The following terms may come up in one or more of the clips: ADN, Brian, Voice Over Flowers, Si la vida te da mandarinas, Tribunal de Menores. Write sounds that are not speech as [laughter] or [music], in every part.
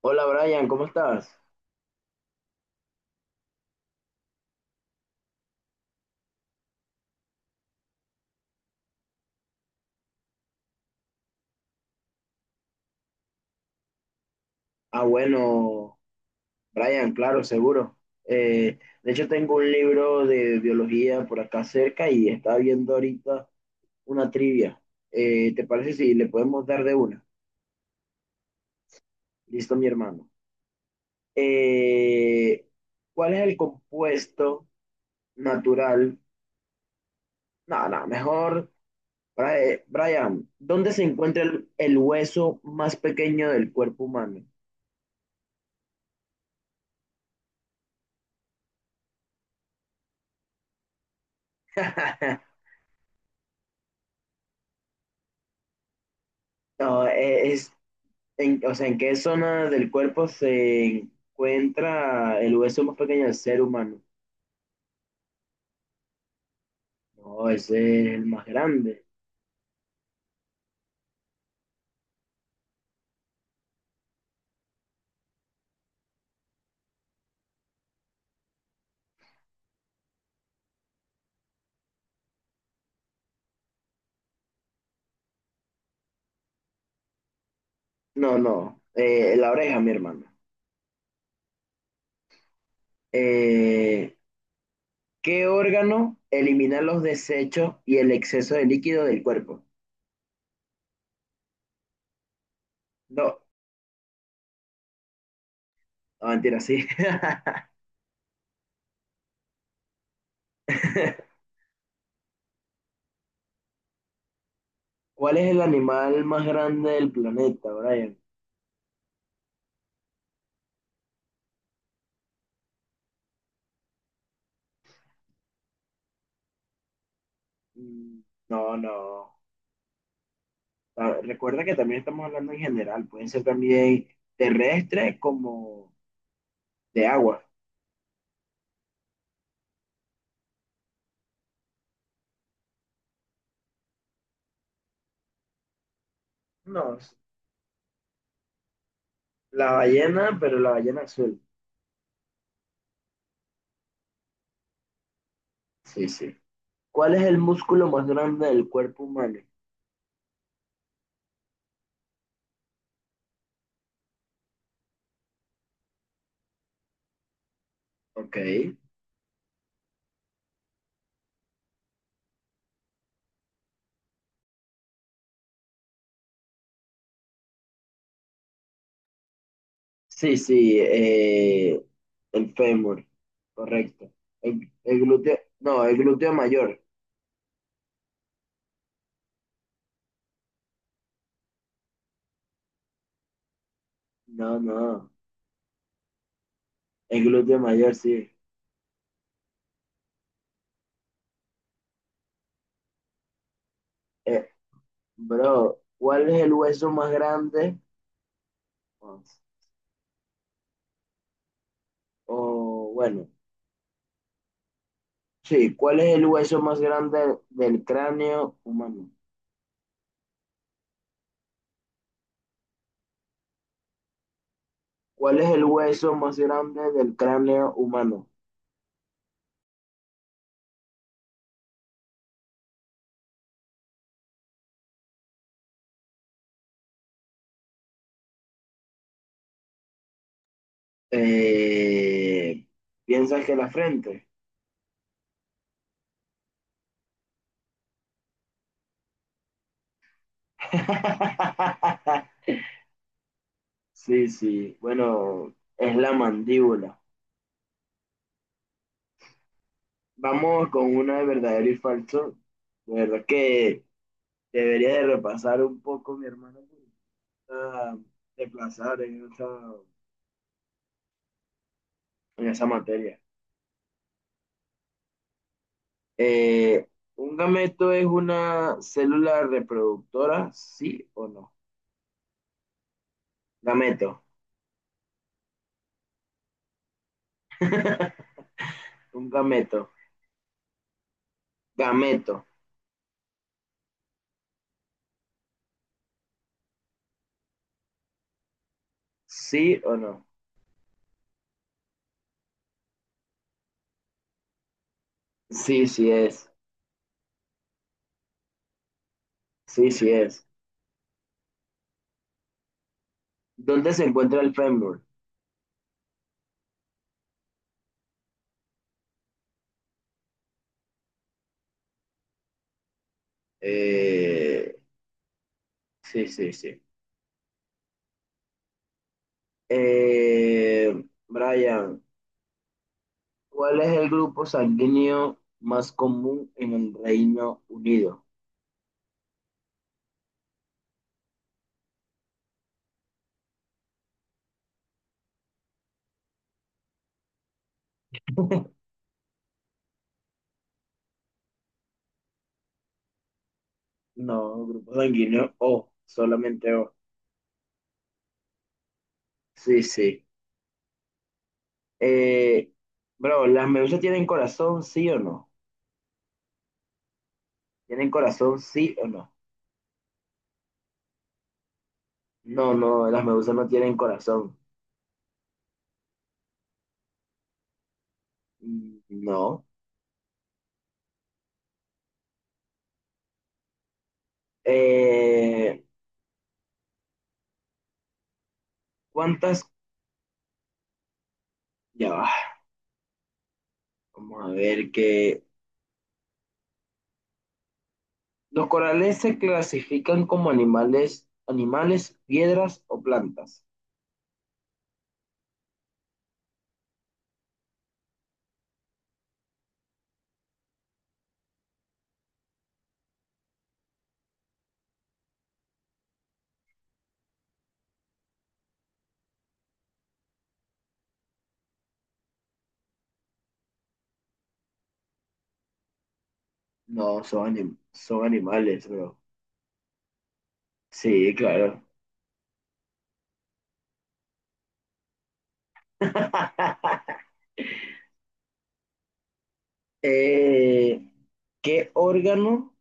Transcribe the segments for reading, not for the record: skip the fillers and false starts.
Hola Brian, ¿cómo estás? Ah, bueno, Brian, claro, seguro. Eh, de hecho, tengo un libro de biología por acá cerca y estaba viendo ahorita una trivia. ¿Te parece si le podemos dar de una? Listo, mi hermano. Eh, ¿Cuál es el compuesto natural? No, no, mejor, Brian, ¿dónde se encuentra el hueso más pequeño del cuerpo humano? [laughs] No, es, en, o sea, ¿en qué zona del cuerpo se encuentra el hueso más pequeño del ser humano? No, ese es el más grande. No, no, la oreja, mi hermano. Eh, ¿Qué órgano elimina los desechos y el exceso de líquido del cuerpo? No, no mentira, sí. [laughs] ¿Cuál es el animal más grande del planeta, Brian? Mm, No, no. Ah, recuerda que también estamos hablando en general. Pueden ser también terrestres como de agua. No, la ballena, pero la ballena azul. Sí, sí. ¿Cuál es el músculo más grande del cuerpo humano? Ok. Sí, sí, el fémur, correcto. El glúteo, no, el glúteo mayor. No, no, el glúteo mayor, sí. Eh, bro, ¿cuál es el hueso más grande? O o, bueno, sí, ¿cuál es el hueso más grande del cráneo humano? ¿Cuál es el hueso más grande del cráneo humano? Eh, ¿Piensas que la frente? [laughs] Sí, sí. Bueno, es la mandíbula. Vamos con una de verdadero y falso. De verdad que debería de repasar un poco mi hermano porque no está de plazar en esa materia. Eh, ¿Un gameto es una célula reproductora? ¿Sí o no? Gameto. [laughs] Un gameto. Gameto. ¿Sí o no? Sí, sí es. Sí, sí es. ¿Dónde se encuentra el fémur? Eh, sí, sí, sí. Brian, ¿cuál es el grupo sanguíneo más común en el Reino Unido? No, grupo sanguíneo O, solamente O. Sí, sí. Eh, bro, ¿las medusas tienen corazón, sí o no? ¿Tienen corazón, sí o no? No, no, las medusas no tienen corazón. Mm. No. Eh, ¿Cuántas? Ya va. Vamos a ver que los corales se clasifican como animales, animales, piedras o plantas. No, son, son animales, bro. Sí, claro. [laughs] Eh, ¿qué órgano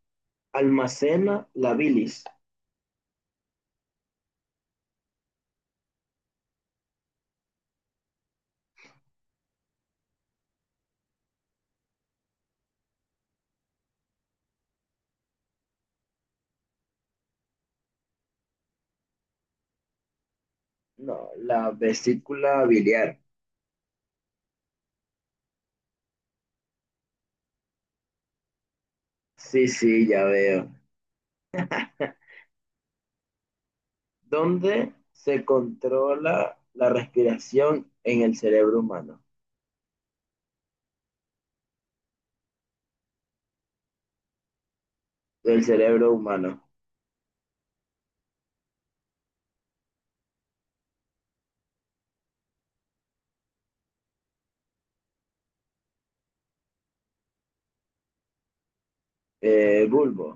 almacena la bilis? No, la vesícula biliar. Sí, sí, ya veo. ¿Dónde se controla la respiración en el cerebro humano? Del cerebro humano. Bulbo,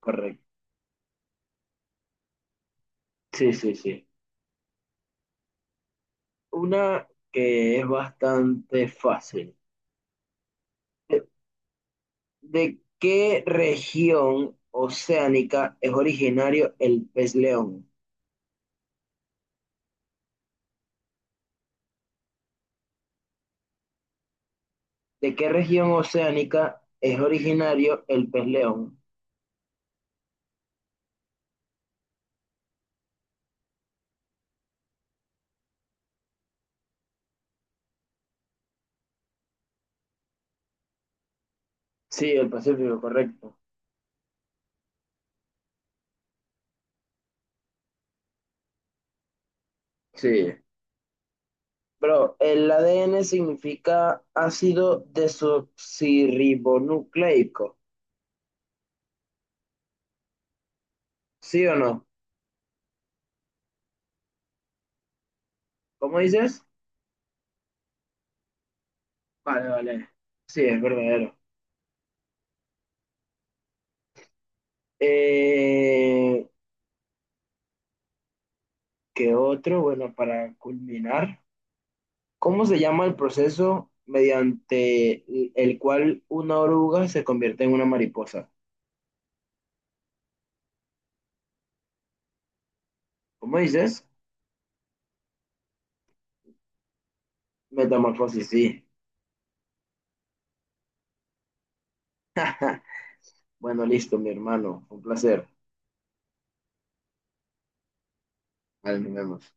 correcto. Sí, sí, sí. Una que es bastante fácil. ¿De, de qué región oceánica es originario el pez león? ¿De qué región oceánica es originario el pez león? Sí, el Pacífico, correcto. Sí. Bro, el ADN significa ácido desoxirribonucleico. ¿Sí o no? ¿Cómo dices? Vale, vale. Sí, es verdadero. Eh, que otro, bueno, para culminar, ¿cómo se llama el proceso mediante el cual una oruga se convierte en una mariposa? ¿Cómo dices? Metamorfosis, sí. [laughs] Ja, bueno, listo, mi hermano. Un placer. Ahí nos vemos.